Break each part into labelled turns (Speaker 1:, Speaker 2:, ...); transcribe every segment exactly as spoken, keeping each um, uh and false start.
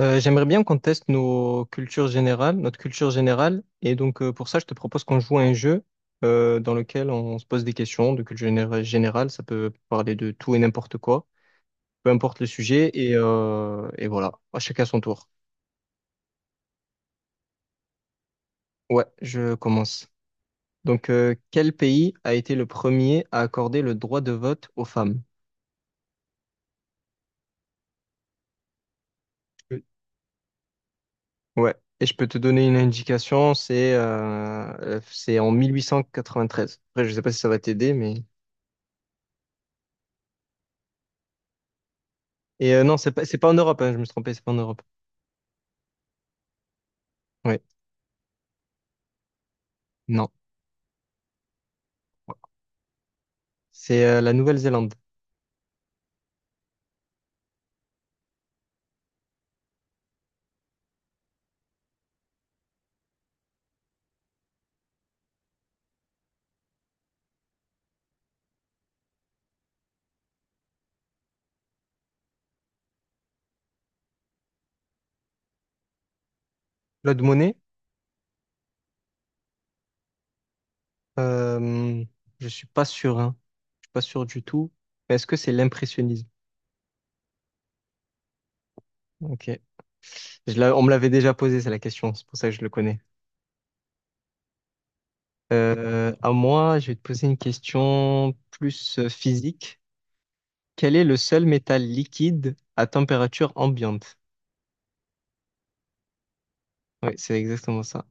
Speaker 1: Euh, j'aimerais bien qu'on teste nos cultures générales, notre culture générale. Et donc, euh, pour ça, je te propose qu'on joue à un jeu euh, dans lequel on se pose des questions de culture généra- générale. Ça peut parler de tout et n'importe quoi, peu importe le sujet. Et, euh, et voilà, à chacun son tour. Ouais, je commence. Donc, euh, quel pays a été le premier à accorder le droit de vote aux femmes? Oui. Ouais, et je peux te donner une indication, c'est euh, euh, c'est en mille huit cent quatre-vingt-treize. Après, je sais pas si ça va t'aider, mais... Et euh, non, c'est pas, c'est pas en Europe, hein, je me suis trompé, c'est pas en Europe. Oui, non. C'est euh, la Nouvelle-Zélande. Claude Monet, euh, je suis pas sûr, hein. Je suis pas sûr du tout. Mais est-ce que c'est l'impressionnisme? Ok. Je l'a- on me l'avait déjà posé, c'est la question, c'est pour ça que je le connais. Euh, à moi, je vais te poser une question plus euh, physique. Quel est le seul métal liquide à température ambiante? Oui, c'est exactement ça.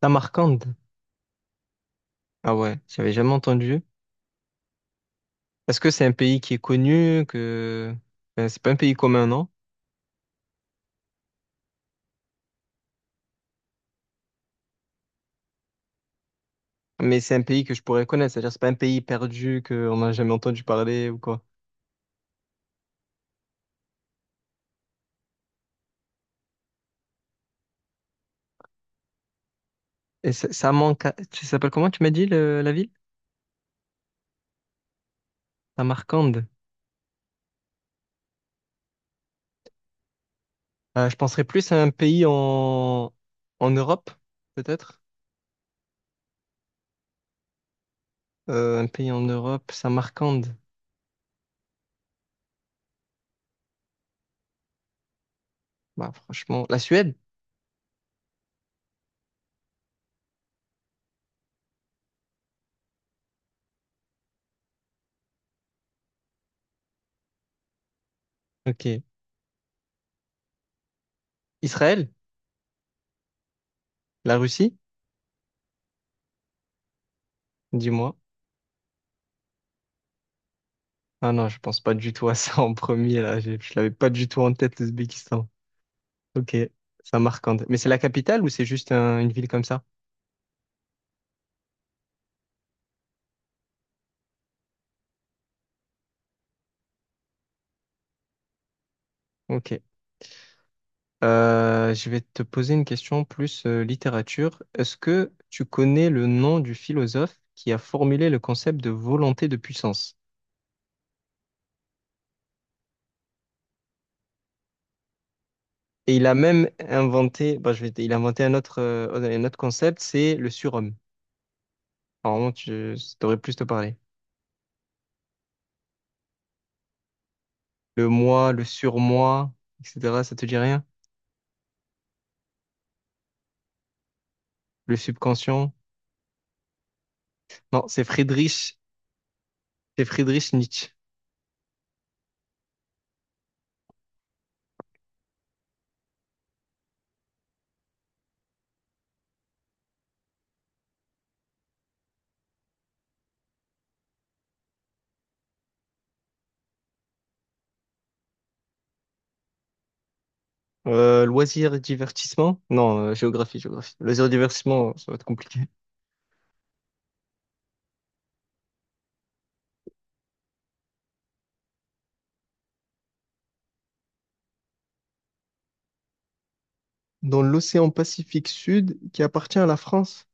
Speaker 1: Samarcande. Ah ouais, j'avais jamais entendu. Est-ce que c'est un pays qui est connu, que... Ben, c'est pas un pays commun, non? Mais c'est un pays que je pourrais connaître, c'est-à-dire c'est pas un pays perdu qu'on n'a jamais entendu parler ou quoi. Et ça, ça manque. à- Tu s'appelles comment tu m'as dit le- la ville? Samarcande. Euh, je penserais plus à un pays en en Europe, peut-être. Euh, un pays en Europe, Samarcande. Bah, franchement, la Suède? Ok. Israël? La Russie? Dis-moi. Ah non, je pense pas du tout à ça en premier, là. Je, je l'avais pas du tout en tête, l'Ouzbékistan. Ok. Samarcande. Mais c'est la capitale ou c'est juste un- une ville comme ça? Ok. Euh, je vais te poser une question plus euh, littérature. Est-ce que tu connais le nom du philosophe qui a formulé le concept de volonté de puissance? Et il a même inventé, bon, je vais, te- il a inventé un autre, euh, un autre concept, c'est le surhomme. Normalement, tu, ça devrait plus te parler. Le moi, le surmoi, et cetera. Ça te dit rien? Le subconscient? Non, c'est Friedrich, c'est Friedrich Nietzsche. Euh, loisirs et divertissement? Non, euh, géographie, géographie. Loisirs et divertissement, ça va être compliqué. Dans l'océan Pacifique Sud, qui appartient à la France,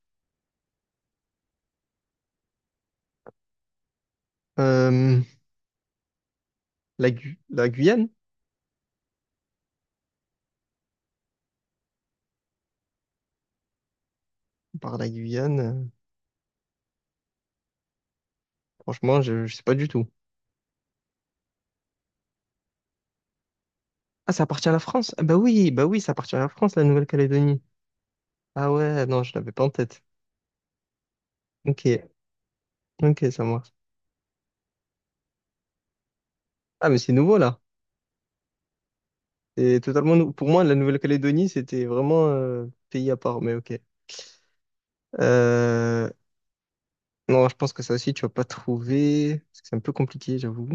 Speaker 1: euh, la, Gu- la Guyane? Par la Guyane, euh, franchement, je, je sais pas du tout. Ah, ça appartient à la France? Ah bah oui, bah oui, ça appartient à la France, la Nouvelle-Calédonie. Ah ouais, non, je l'avais pas en tête. Ok, ok, ça marche. Ah, mais c'est nouveau là. C'est totalement nou- Pour moi, la Nouvelle-Calédonie, c'était vraiment euh, pays à part, mais ok. Euh, non, je pense que ça aussi, tu vas pas trouver. Parce que c'est un peu compliqué, j'avoue.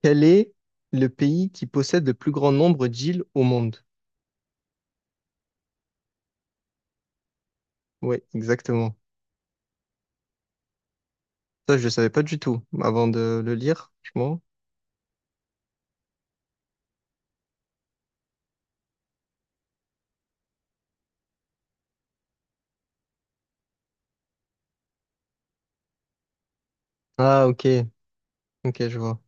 Speaker 1: Quel est le pays qui possède le plus grand nombre d'îles au monde? Ouais, exactement. Ça, je le savais pas du tout avant de le lire, franchement. Ah, ok, ok, je vois.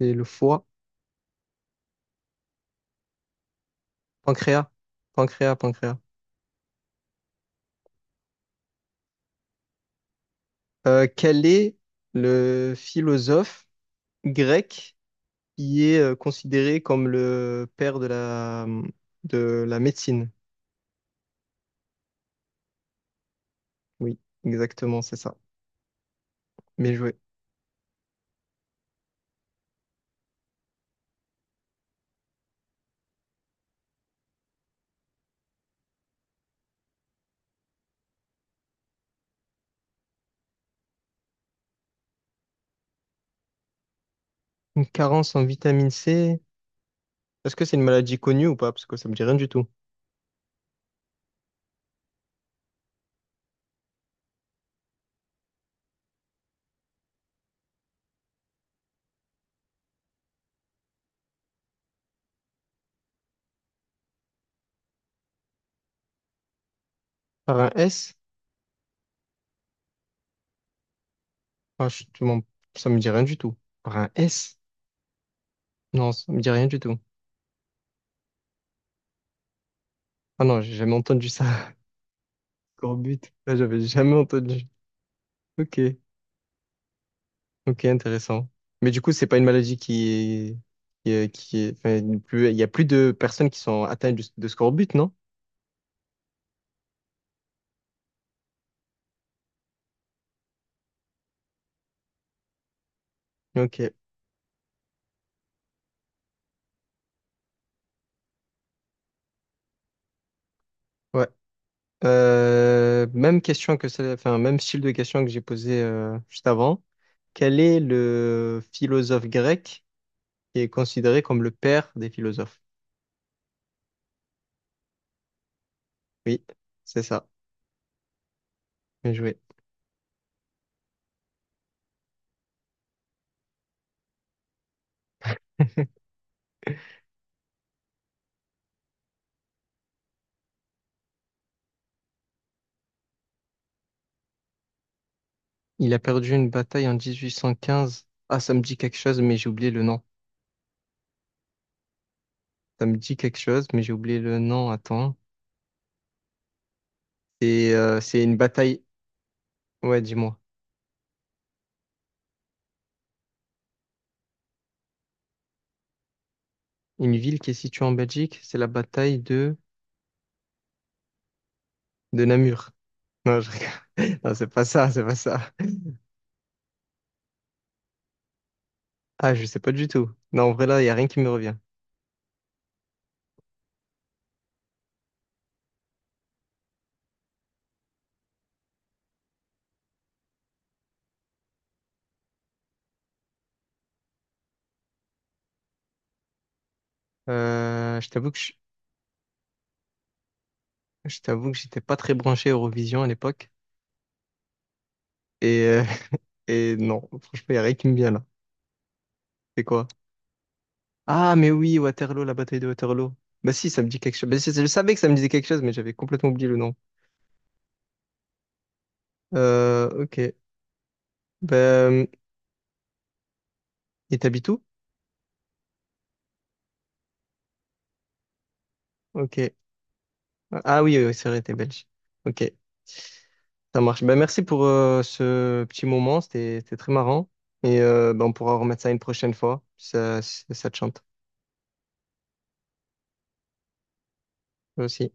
Speaker 1: C'est le foie, pancréas, pancréas, pancréas. Euh, quel est le philosophe grec qui est euh, considéré comme le père de la, de la médecine. Oui, exactement, c'est ça. Bien joué. Une carence en vitamine C, est-ce que c'est une maladie connue ou pas? Parce que ça me dit rien du tout. Par un S? Ah, je te mens. Ça me dit rien du tout. Par un S? Non, ça me dit rien du tout. Ah non, j'ai jamais entendu ça. Scorbut. Là, j'avais jamais entendu. Ok, ok, intéressant. Mais du coup, c'est pas une maladie qui est, qui est, qui est- enfin, plus- il y a plus de personnes qui sont atteintes de, de scorbut, non? Ok, ouais. Euh, même question que ça, enfin, même style de question que j'ai posé euh, juste avant. Quel est le philosophe grec qui est considéré comme le père des philosophes? Oui, c'est ça. Bien joué. Il a perdu une bataille en mille huit cent quinze. Ah, ça me dit quelque chose, mais j'ai oublié le nom. Ça me dit quelque chose, mais j'ai oublié le nom. Attends. C'est euh, c'est une bataille. Ouais, dis-moi. Une ville qui est située en Belgique, c'est la bataille de de Namur. Non, je rigole. Non, c'est pas ça, c'est pas ça. Ah, je sais pas du tout. Non, en vrai, là, il n'y a rien qui me revient. Euh, je t'avoue que je, je t'avoue que j'étais pas très branché Eurovision à l'époque. Et, euh, et non, franchement, il n'y a rien qui me vient là. C'est quoi? Ah, mais oui, Waterloo, la bataille de Waterloo. Bah si, ça me dit quelque chose. Bah, si, je savais que ça me disait quelque chose, mais j'avais complètement oublié le nom. Euh, ok. Ben... Et t'habites où? Ok. Ah oui, oui, oui, c'est vrai, t'es belge. Ok, ça marche. Ben, merci pour euh, ce petit moment, c'était c'était très marrant. Et euh, ben, on pourra remettre ça une prochaine fois, si ça, si ça te chante. Moi aussi.